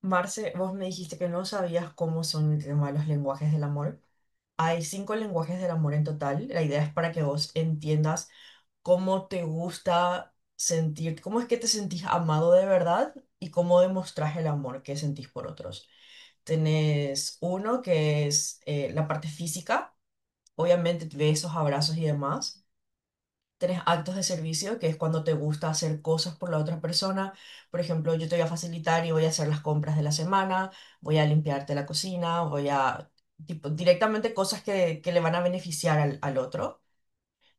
Marce, vos me dijiste que no sabías cómo son el tema de los lenguajes del amor. Hay cinco lenguajes del amor en total. La idea es para que vos entiendas cómo te gusta sentir, cómo es que te sentís amado de verdad y cómo demostrás el amor que sentís por otros. Tenés uno que es la parte física, obviamente besos, abrazos y demás. Tenés actos de servicio, que es cuando te gusta hacer cosas por la otra persona. Por ejemplo, yo te voy a facilitar y voy a hacer las compras de la semana, voy a limpiarte la cocina, voy a, tipo, directamente cosas que le van a beneficiar al otro.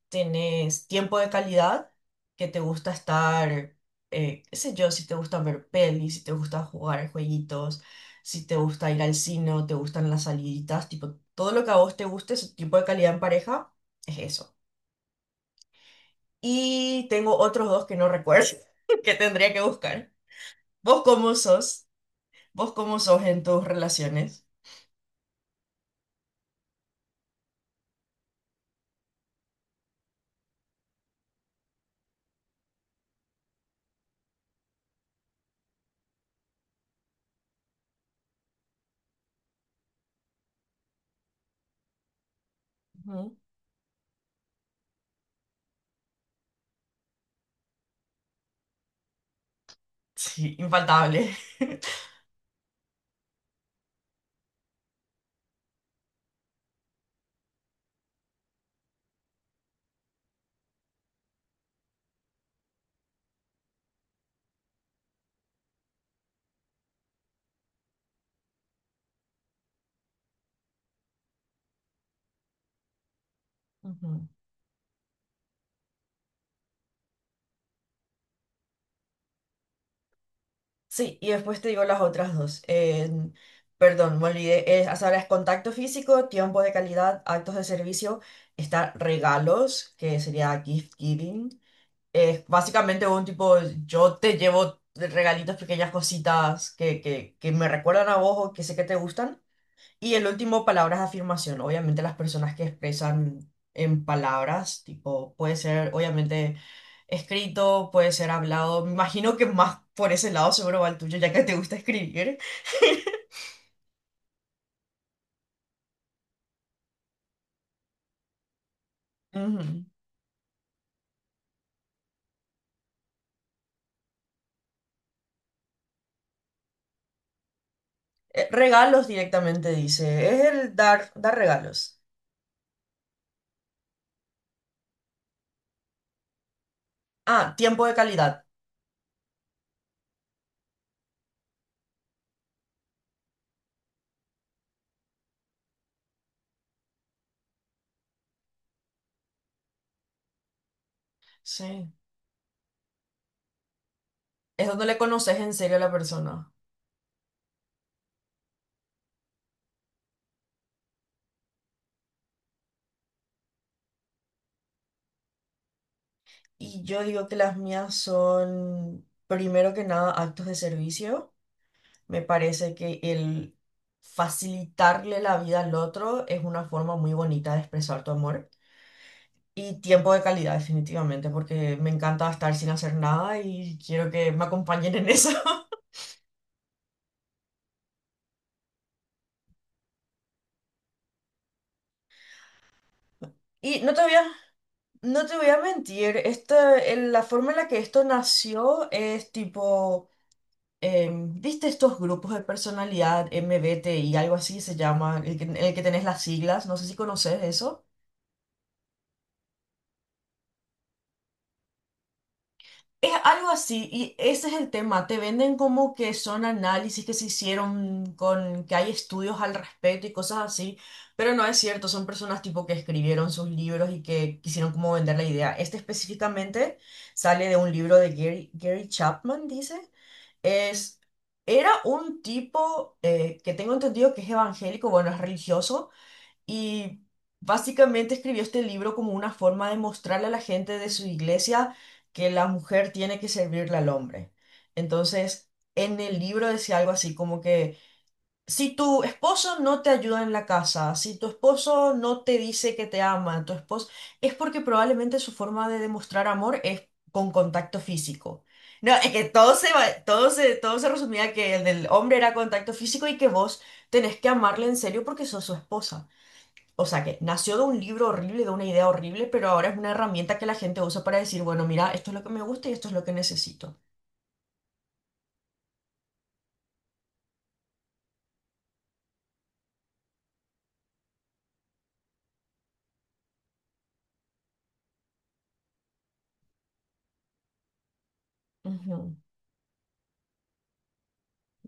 Tenés tiempo de calidad, que te gusta estar, qué sé yo, si te gusta ver pelis, si te gusta jugar jueguitos, si te gusta ir al cine, o te gustan las saliditas, tipo, todo lo que a vos te guste, ese tipo de calidad en pareja, es eso. Y tengo otros dos que no recuerdo, que tendría que buscar. ¿Vos cómo sos? ¿Vos cómo sos en tus relaciones? Ujú. Sí, infaltable. Ujú. Sí, y después te digo las otras dos. Perdón, me olvidé. Hasta ahora es contacto físico, tiempo de calidad, actos de servicio, está regalos, que sería gift giving. Es básicamente un tipo, yo te llevo regalitos, pequeñas cositas que me recuerdan a vos o que sé que te gustan. Y el último palabra es afirmación. Obviamente las personas que expresan en palabras, tipo, puede ser obviamente escrito, puede ser hablado. Me imagino que más por ese lado seguro va el tuyo, ya que te gusta escribir. Ujú. Regalos directamente dice. Es el dar, dar regalos. Ah, tiempo de calidad. Sí. Es donde le conoces en serio a la persona. Y yo digo que las mías son, primero que nada, actos de servicio. Me parece que el facilitarle la vida al otro es una forma muy bonita de expresar tu amor. Y tiempo de calidad, definitivamente, porque me encanta estar sin hacer nada y quiero que me acompañen en eso. Y no te voy a mentir, la forma en la que esto nació es tipo, ¿viste estos grupos de personalidad MBTI, algo así se llama, el que tenés las siglas? No sé si conoces eso. Es algo así, y ese es el tema. Te venden como que son análisis que se hicieron con que hay estudios al respecto y cosas así, pero no es cierto. Son personas tipo que escribieron sus libros y que quisieron como vender la idea. Este específicamente sale de un libro de Gary Chapman, dice. Es, Era un tipo que tengo entendido que es evangélico, bueno, es religioso y básicamente escribió este libro como una forma de mostrarle a la gente de su iglesia que la mujer tiene que servirle al hombre. Entonces, en el libro decía algo así como que si tu esposo no te ayuda en la casa, si tu esposo no te dice que te ama, tu esposo, es porque probablemente su forma de demostrar amor es con contacto físico. No, es que todo se, va- todo se resumía que el del hombre era contacto físico y que vos tenés que amarle en serio porque sos su esposa. O sea que nació de un libro horrible, de una idea horrible, pero ahora es una herramienta que la gente usa para decir, bueno, mira, esto es lo que me gusta y esto es lo que necesito. Ujú,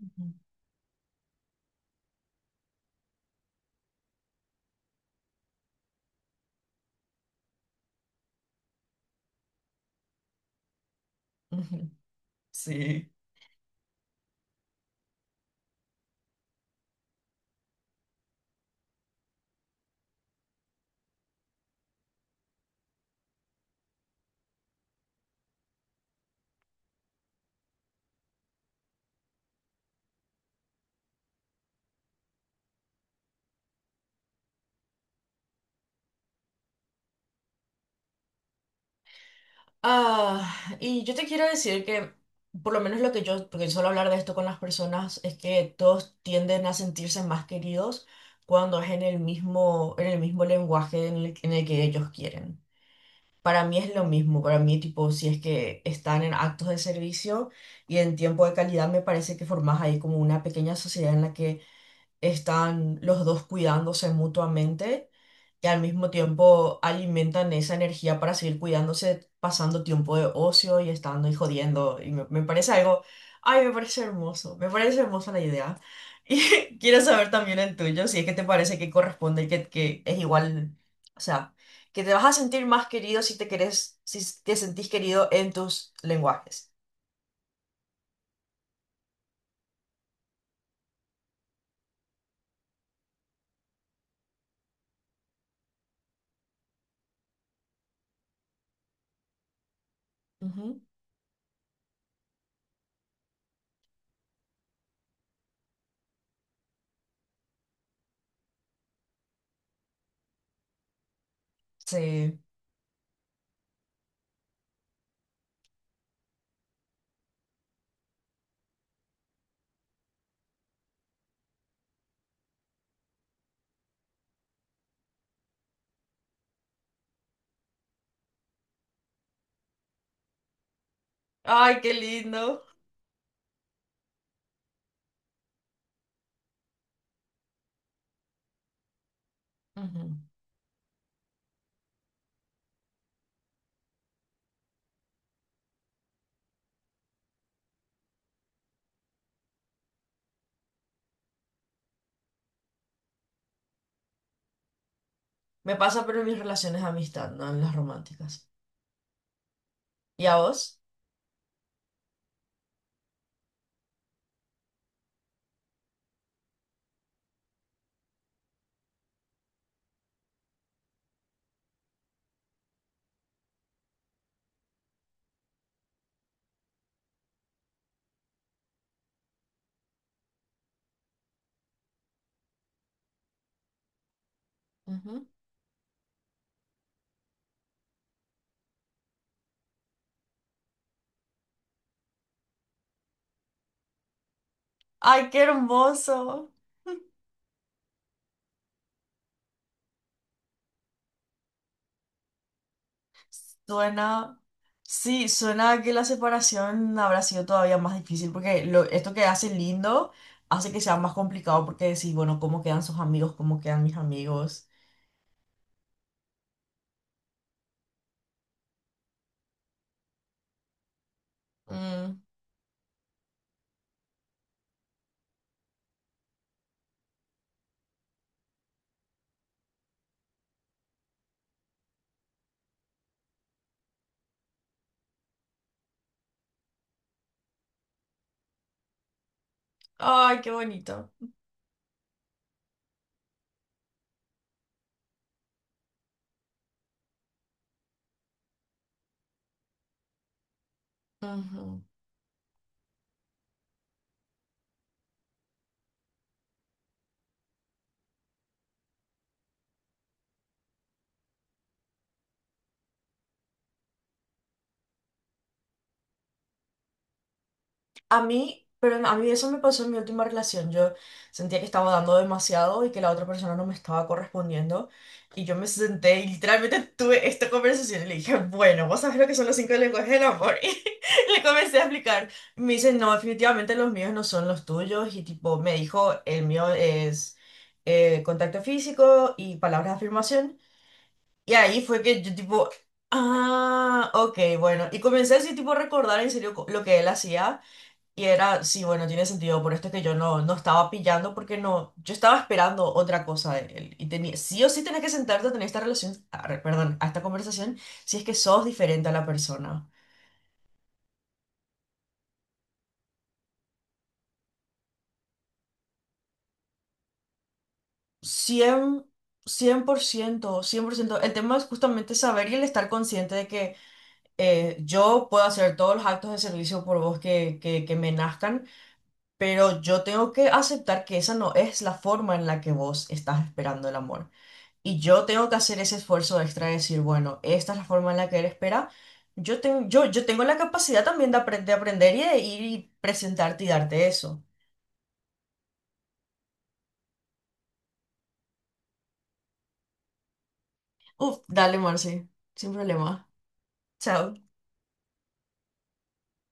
ujú, ujú. Sí. Ah, y yo te quiero decir que, por lo menos lo que yo, porque suelo hablar de esto con las personas, es que todos tienden a sentirse más queridos cuando es en el mismo lenguaje en el que ellos quieren. Para mí es lo mismo, para mí tipo, si es que están en actos de servicio y en tiempo de calidad, me parece que formas ahí como una pequeña sociedad en la que están los dos cuidándose mutuamente y al mismo tiempo alimentan esa energía para seguir cuidándose, pasando tiempo de ocio y estando y jodiendo. Y me parece algo, ay, me parece hermoso, me parece hermosa la idea. Y quiero saber también el tuyo, si es que te parece que corresponde y que es igual, o sea, que te vas a sentir más querido si te querés, si te sentís querido en tus lenguajes. Ujú, sí. Ay, qué lindo. Ujú. Me pasa, pero en mis relaciones de amistad, no en las románticas. ¿Y a vos? Ujú. Ay, qué hermoso. Suena, sí, suena a que la separación habrá sido todavía más difícil, porque lo- esto que hace lindo hace que sea más complicado, porque decís, bueno, ¿cómo quedan sus amigos? ¿Cómo quedan mis amigos? Mm, ay, qué bonito. Ujú. A mí, pero a mí eso me pasó en mi última relación. Yo sentía que estaba dando demasiado y que la otra persona no me estaba correspondiendo. Y yo me senté y literalmente tuve esta conversación y le dije, bueno, vos sabés lo que son los cinco lenguajes del amor. Y le comencé a explicar. Y me dice, no, definitivamente los míos no son los tuyos. Y tipo, me dijo, el mío es contacto físico y palabras de afirmación. Y ahí fue que yo tipo, ah, ok, bueno. Y comencé así tipo a recordar en serio lo que él hacía. Y era, sí, bueno, tiene sentido, por esto es que yo no, no estaba pillando porque no, yo estaba esperando otra cosa de él. Sí o sí tenés que sentarte a tener esta relación, perdón, a esta conversación, si es que sos diferente a la persona. cien cien por ciento. El tema es justamente saber y el estar consciente de que yo puedo hacer todos los actos de servicio por vos que me nazcan, pero yo tengo que aceptar que esa no es la forma en la que vos estás esperando el amor. Y yo tengo que hacer ese esfuerzo extra de decir, bueno, esta es la forma en la que él espera. Yo tengo la capacidad también de aprender y de ir y presentarte y darte eso. Uf, dale, Marci, sin problema. Chao.